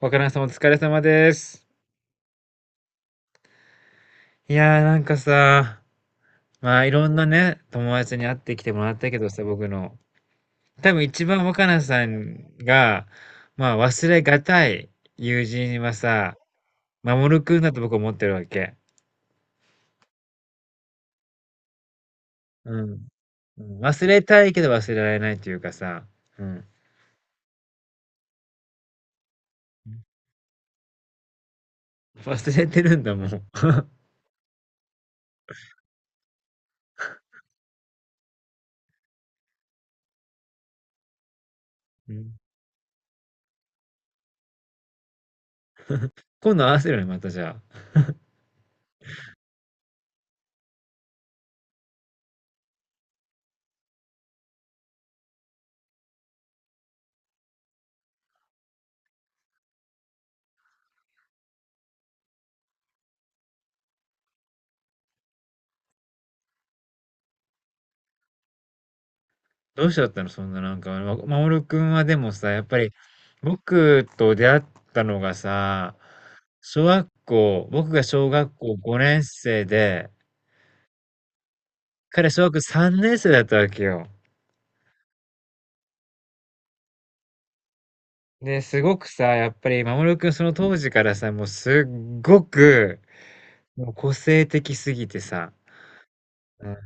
わからんさまお疲れ様です。いやーさ、いろんなね、友達に会ってきてもらったけどさ、僕の。多分一番若菜さんが、まあ忘れがたい友人はさ、守くんだと僕思ってるわけ。うん。うん、忘れたいけど忘れられないというかさ、うん。忘れてるんだもん。うん、今度合わせるね、またじゃあ。どうしちゃったの？そんな守君はでもさ、やっぱり、僕と出会ったのがさ、小学校僕が小学校5年生で、彼小学3年生だったわけよ。で、すごくさ、やっぱり守君その当時からさ、もうすっごく、もう個性的すぎてさ、うん。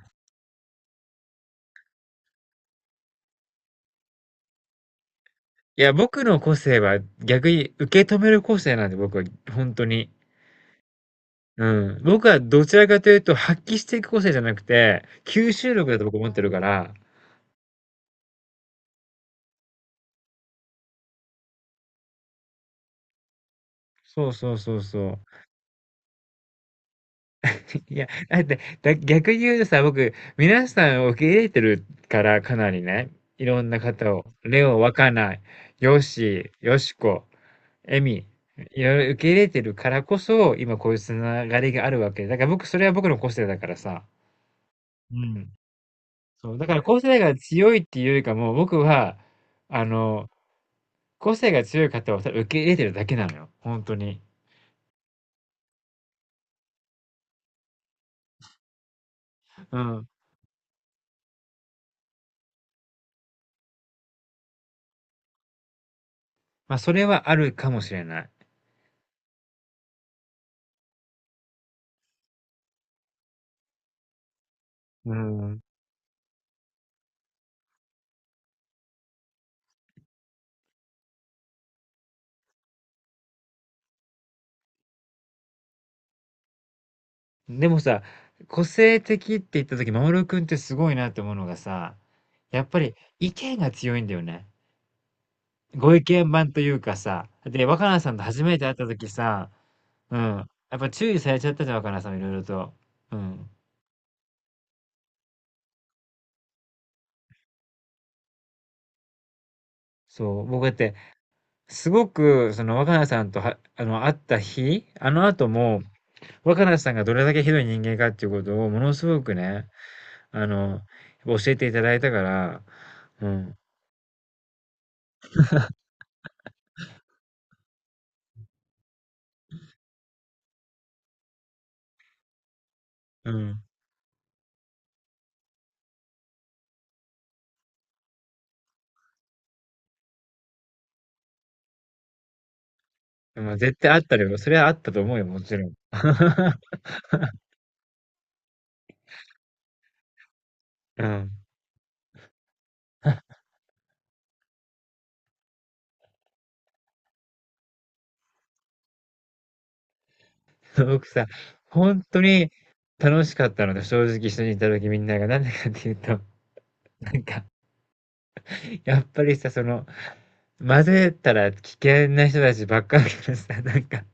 いや、僕の個性は逆に受け止める個性なんで、僕は、本当に。うん。僕はどちらかというと、発揮していく個性じゃなくて、吸収力だと僕思ってるから。そうそうそうそう。いや、だって、逆に言うとさ、僕、皆さんを受け入れてるから、かなりね、いろんな方を、レオ、わかない、ヨッシー、ヨシコ、エミ、いろいろ受け入れてるからこそ、今こういうつながりがあるわけ。だから僕、それは僕の個性だからさ。うん。そう。だから個性が強いっていうよりかも、僕は、あの、個性が強い方をただ受け入れてるだけなのよ、ほんとに。うん。ま、あそれはあるかもしれない。うーん。でもさ、個性的って言った時、守君ってすごいなって思うのがさ、やっぱり意見が強いんだよね。ご意見番というかさ、で、若菜さんと初めて会った時さ、うん、やっぱ注意されちゃったじゃん、若菜さんいろいろと。うん。そう、僕だって、すごくその若菜さんとは会った日、あの後も若菜さんがどれだけひどい人間かっていうことをものすごくね、あの、教えていただいたから、うん、うん。まあ、絶対あったよ。それはあったと思うよ、もちろん。うん。僕さ、本当に楽しかったので、正直一緒にいた時みんなが、なんでかっていうと、なんか、やっぱりさ、その、混ぜたら危険な人たちばっかりだからさ、なんか、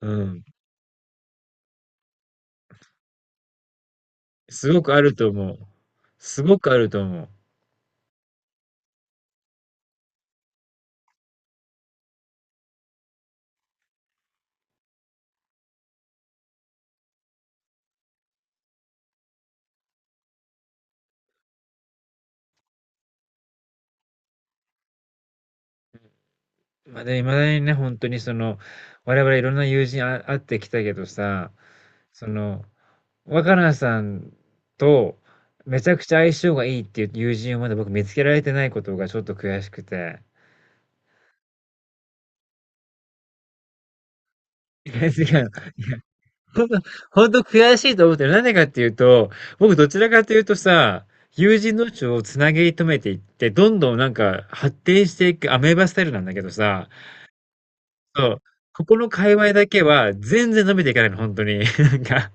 うん、すごくあると思う。すごくあると思う。まだ、いまだにね、本当にその、我々いろんな友人会ってきたけどさ、その、若菜さんとめちゃくちゃ相性がいいっていう友人をまだ僕見つけられてないことがちょっと悔しくて。いや、違う。ほんと、ほんと悔しいと思ってる。なんでかっていうと、僕どちらかというとさ、友人同士をつなぎ止めていって、どんどんなんか発展していくアメーバスタイルなんだけどさ、そう、ここの界隈だけは全然伸びていかないの、本当に。なんか、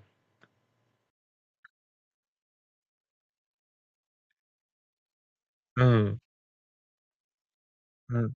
うん。うん。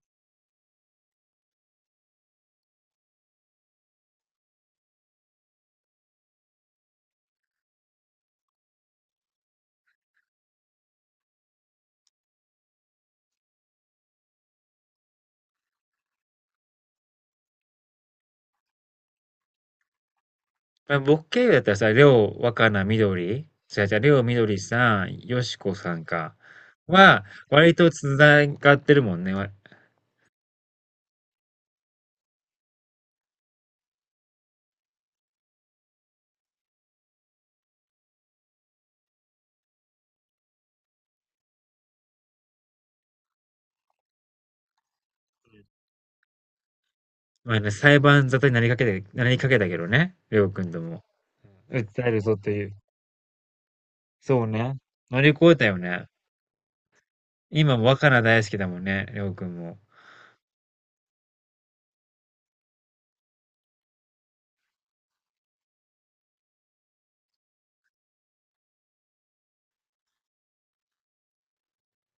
まあ、僕経由だったらさ、りょう、若菜、みどりじゃ違う、りょう、みどりさん、よしこさんか。は、割と繋がってるもんね。わまあね、裁判沙汰になりかけたけどね、りょうくんとも。訴えるぞっていう。そうね。乗り越えたよね。今も若菜大好きだもんね、りょうくんも。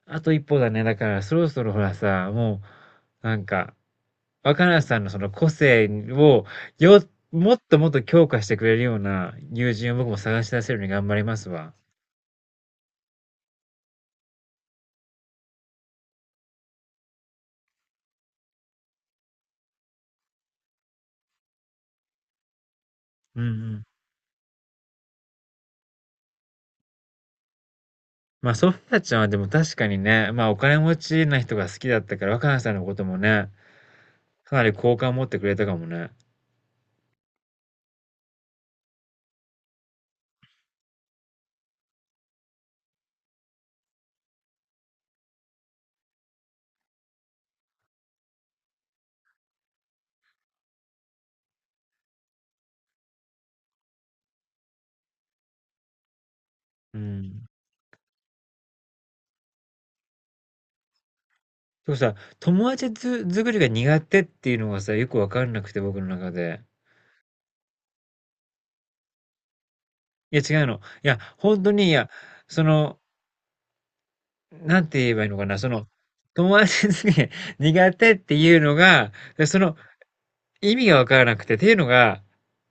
あと一歩だね。だから、そろそろほらさ、もう、なんか、若菜さんのその個性を、よ、もっともっと強化してくれるような友人を僕も探し出せるように頑張りますわ。うんうん。まあ、ソフィアちゃんはでも確かにね、まあ、お金持ちな人が好きだったから、若菜さんのこともね、かなり好感を持ってくれたかもね。うん。でもさ、友達づ、作りが苦手っていうのがさ、よくわかんなくて、僕の中で。いや、違うの。いや、本当に、いや、その、なんて言えばいいのかな、その、友達に 苦手っていうのが、その意味がわからなくて、っていうのが、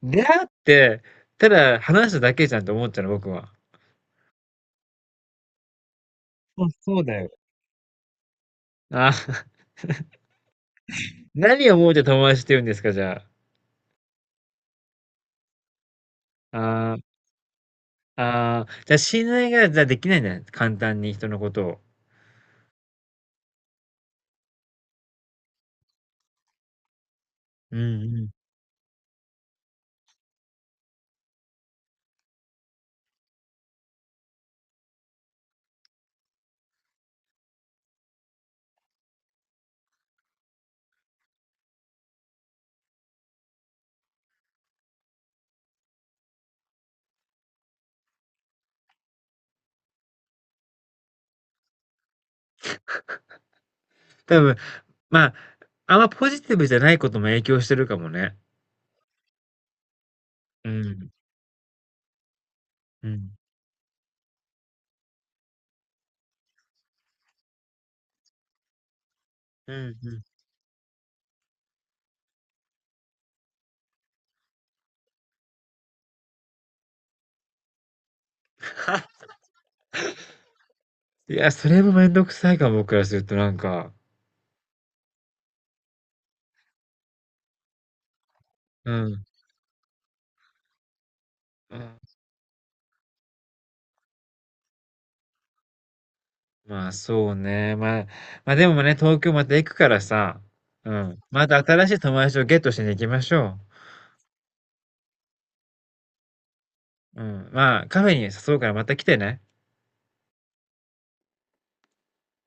出会って、ただ話しただけじゃんと思っちゃうの、僕は。そうそうだよ。あ、何を思うて友達って言うんですか、じゃあ。あー、あー、じゃあ信頼が、じゃあできないんだね。簡単に人のことを。うんうん。多分、まあ、あんまポジティブじゃないことも影響してるかもね。うん。うん。うんうん。いや、それもめんどくさいかも、僕からするとなんか。うん。うん。まあ、そうね。まあ、ま、でもね、東京また行くからさ、うん。また新しい友達をゲットしに行きましょう。うん。まあ、カフェに誘うからまた来てね。